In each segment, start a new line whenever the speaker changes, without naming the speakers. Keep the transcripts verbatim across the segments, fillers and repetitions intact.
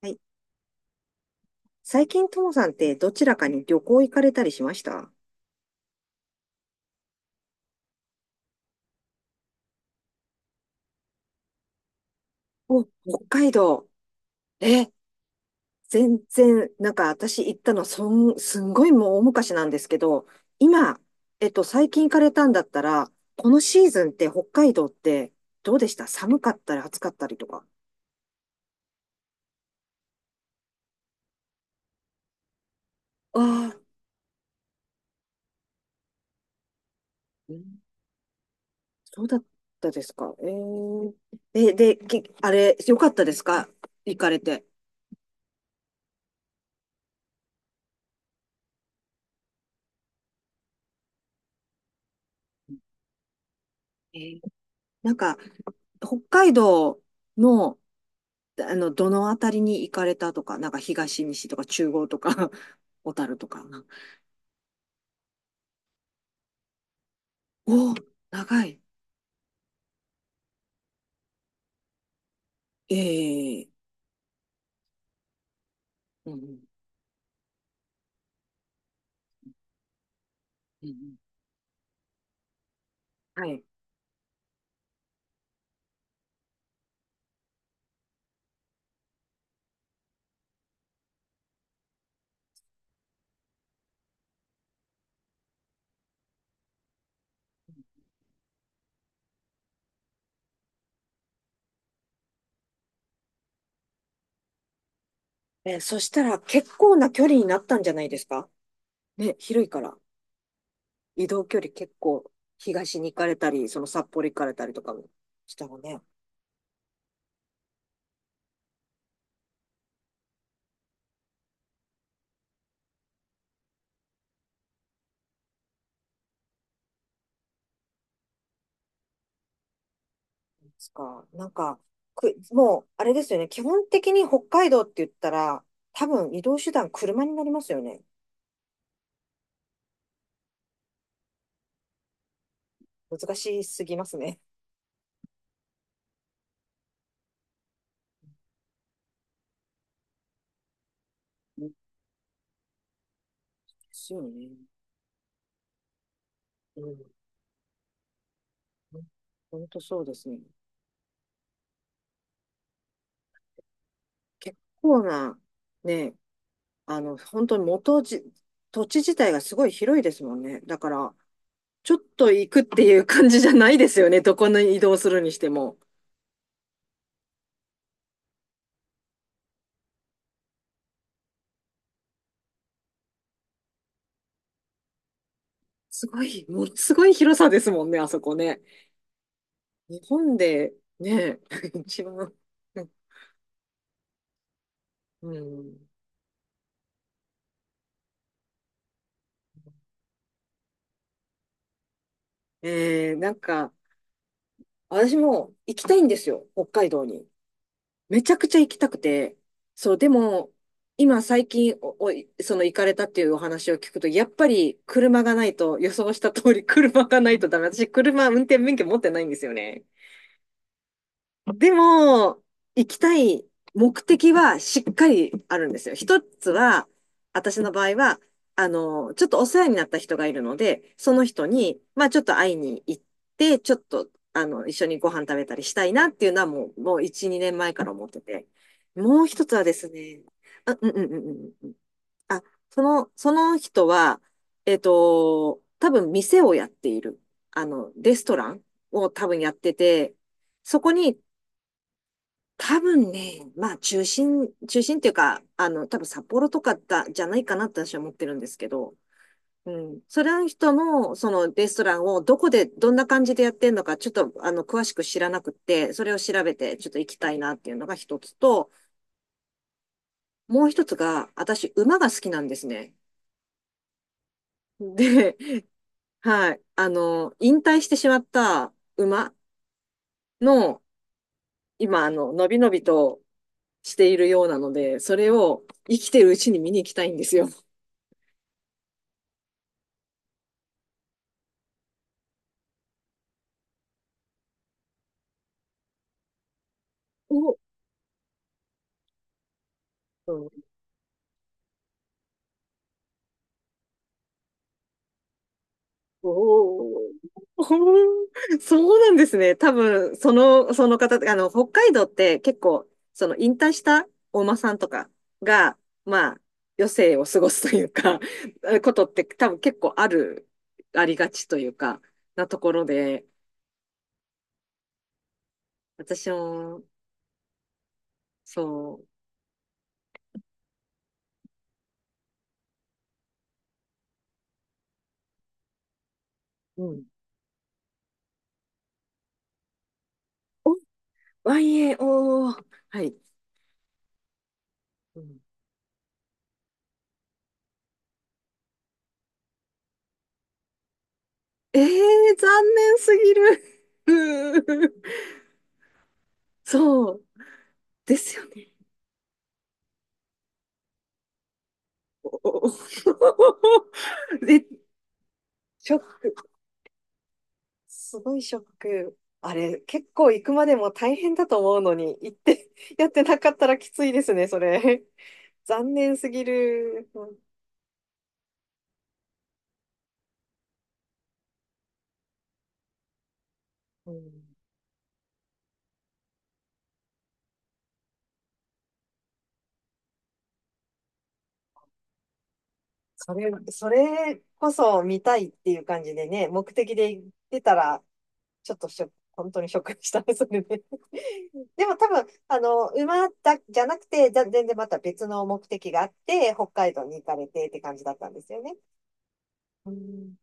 はい。最近、ともさんってどちらかに旅行行かれたりしました？お、北海道。え、全然、なんか私行ったの、そん、すんごいもう大昔なんですけど、今、えっと、最近行かれたんだったら、このシーズンって北海道ってどうでした？寒かったり暑かったりとか。ああ、うんそうだったですか。えー、え、で、きあれ、よかったですか行かれて。えー、なんか、北海道のあの、どのあたりに行かれたとか、なんか東、西とか中央とか、小樽とか。おお、長い。ええ、うんうんうんうん、はい。えー、そしたら結構な距離になったんじゃないですか？ね、広いから。移動距離結構、東に行かれたり、その札幌行かれたりとかもしたのね。ですか。なんか、く、もう、あれですよね。基本的に北海道って言ったら、多分移動手段車になりますよね。難しすぎますね。うんですよね。うん、本当そうですね。結構な、ね、あの、本当に元じ、土地自体がすごい広いですもんね。だから、ちょっと行くっていう感じじゃないですよね。どこに移動するにしても。すごい、ものすごい広さですもんね、あそこね。日本で、ね、一番。うん。えー、なんか、私も行きたいんですよ、北海道に。めちゃくちゃ行きたくて、そう、でも、今最近お、おいその行かれたっていうお話を聞くと、やっぱり車がないと、予想した通り車がないとダメ。私、車運転免許持ってないんですよね。でも、行きたい目的はしっかりあるんですよ。一つは、私の場合は、あの、ちょっとお世話になった人がいるので、その人に、まあちょっと会いに行って、ちょっと、あの、一緒にご飯食べたりしたいなっていうのはもう、もういち、にねんまえから思ってて。もう一つはですね、あ、うんうんうんうん。あ、その、その人は、えっと、多分店をやっている。あの、レストランを多分やってて、そこに多分ね、まあ中心、中心っていうか、あの、多分札幌とかだ、じゃないかなって私は思ってるんですけど、うん。それの人の、そのレストランをどこで、どんな感じでやってんのか、ちょっと、あの、詳しく知らなくって、それを調べて、ちょっと行きたいなっていうのが一つと、もう一つが、私、馬が好きなんですね。で、はい。あの、引退してしまった馬の、今、あの、のびのびとしているようなので、それを生きてるうちに見に行きたいんですよ。お、おお、そうなんですね。多分、その、その方、あの、北海道って結構、その引退したお馬さんとかが、まあ、余生を過ごすというか、ことって多分結構ある、ありがちというか、なところで、私も、そう、うん。お、ワイエーオー、はい。ええー、残念すぎる。うーそう、ですよね。おお え、ショック。すごいショック。あれ、結構行くまでも大変だと思うのに、行って やってなかったらきついですね、それ。残念すぎる。うん、それ、それこそ見たいっていう感じでね、目的で行ってたら、ちょっとショック、本当にショックでしたね、それで。でも多分、あの、馬だ、じゃなくて、じゃ全然また別の目的があって、北海道に行かれてって感じだったんですよね。うん、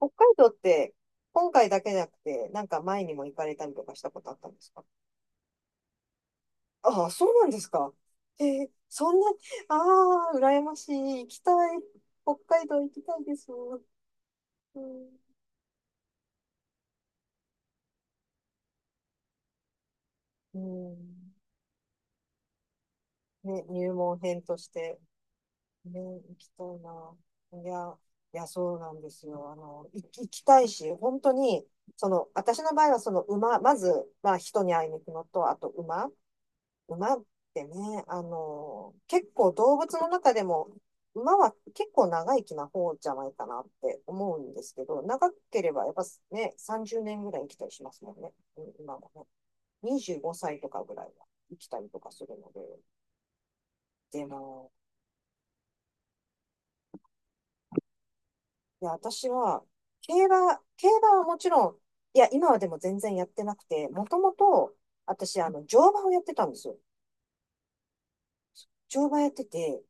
北海道って、今回だけじゃなくて、なんか前にも行かれたりとかしたことあったんですか？ああ、そうなんですか。えー、そんな、ああ、羨ましい。行きたい。北海道行きたいです。うん、うん、ね、入門編として。ね、行きたいな。いや、いや、そうなんですよ。あの、行き行きたいし、本当に、その、私の場合は、その馬、まず、まあ、人に会いに行くのと、あと馬。馬ってね、あの、結構動物の中でも、馬は結構長生きな方じゃないかなって思うんですけど、長ければやっぱね、さんじゅうねんぐらい生きたりしますもんね、うん今もね。にじゅうごさいとかぐらいは生きたりとかするので、でも、いや、私は、競馬、競馬はもちろん、いや、今はでも全然やってなくて、もともと、私、あの、乗馬をやってたんですよ。乗馬やってて、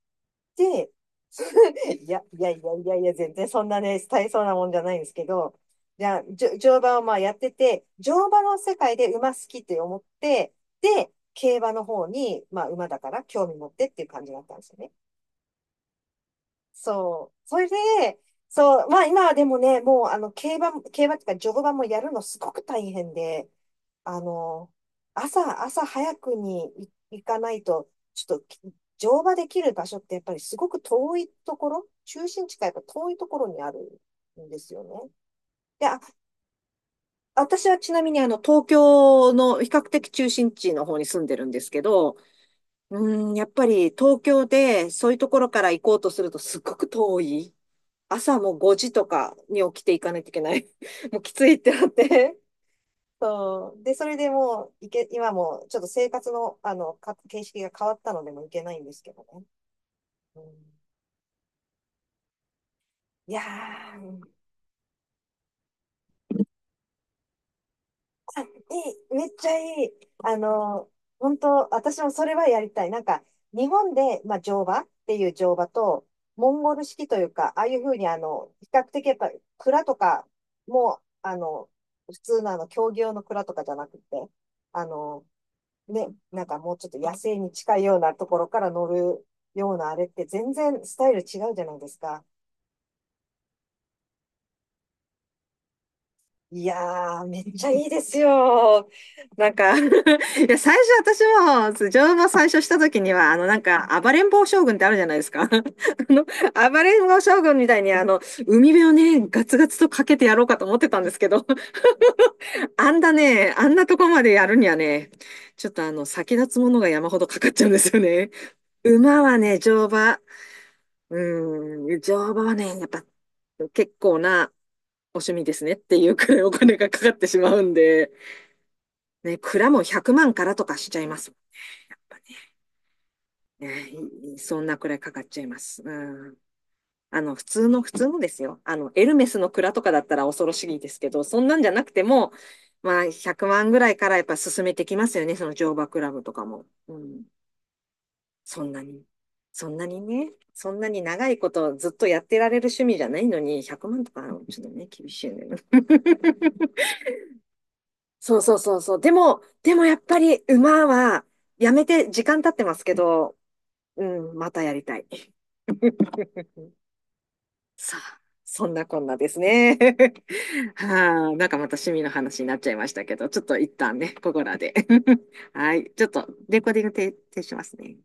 で、いや、いやいやいやいや、全然そんなね、大層なもんじゃないんですけど、じゃあ、じょ乗馬をまあやってて、乗馬の世界で馬好きって思って、で、競馬の方に、まあ馬だから興味持ってっていう感じだったんですよね。そう。それで、そう、まあ今はでもね、もうあの、競馬、競馬っていうか乗馬もやるのすごく大変で、あの、朝、朝早くにい行かないと、ちょっとき乗馬できる場所ってやっぱりすごく遠いところ、中心地からやっぱ遠いところにあるんですよね。で、あ、私はちなみにあの、東京の比較的中心地の方に住んでるんですけど、うーん、やっぱり東京でそういうところから行こうとするとすっごく遠い。朝もごじとかに起きていかないといけない。もうきついってなって。そう。で、それでもう、いけ、今もうちょっと生活の、あの、か、形式が変わったのでもういけないんですけどね。うん、いやー、いい、めっちゃいい。あの、本当私もそれはやりたい。なんか、日本で、まあ、乗馬っていう乗馬と、モンゴル式というか、ああいうふうに、あの、比較的やっぱ、蔵とかも、あの、普通のあの、競技用の蔵とかじゃなくて、あの、ね、なんかもうちょっと野生に近いようなところから乗るようなあれって全然スタイル違うじゃないですか。いやー、めっちゃいいですよ。なんか いや、最初私も、乗馬最初した時には、あの、なんか、暴れん坊将軍ってあるじゃないですか。あの、暴れん坊将軍みたいに、あの、海辺をね、ガツガツとかけてやろうかと思ってたんですけど、あんだね、あんなとこまでやるにはね、ちょっとあの、先立つものが山ほどかかっちゃうんですよね。馬はね、乗馬。うーん、乗馬はね、やっぱ結構なお趣味ですねっていうくらいお金がかかってしまうんで、ね、蔵もひゃくまんからとかしちゃいます。やっぱね、ね、いいそんなくらいかかっちゃいます。うん。あの、普通の、普通のですよ。あの、エルメスの蔵とかだったら恐ろしいですけど、そんなんじゃなくても、まあ、ひゃくまんぐらいからやっぱ進めてきますよね、その乗馬クラブとかも。うん。そんなに、そんなにね、そんなに長いことずっとやってられる趣味じゃないのに、ひゃくまんとか、ちょっとね、厳しいよね。そうそうそうそう。でも、でもやっぱり馬はやめて時間経ってますけど、うん、またやりたい。さあ、そんなこんなですね。はあ、なんかまた趣味の話になっちゃいましたけど、ちょっと一旦ね、ここらで。はい、ちょっとレコーディング停停止しますね。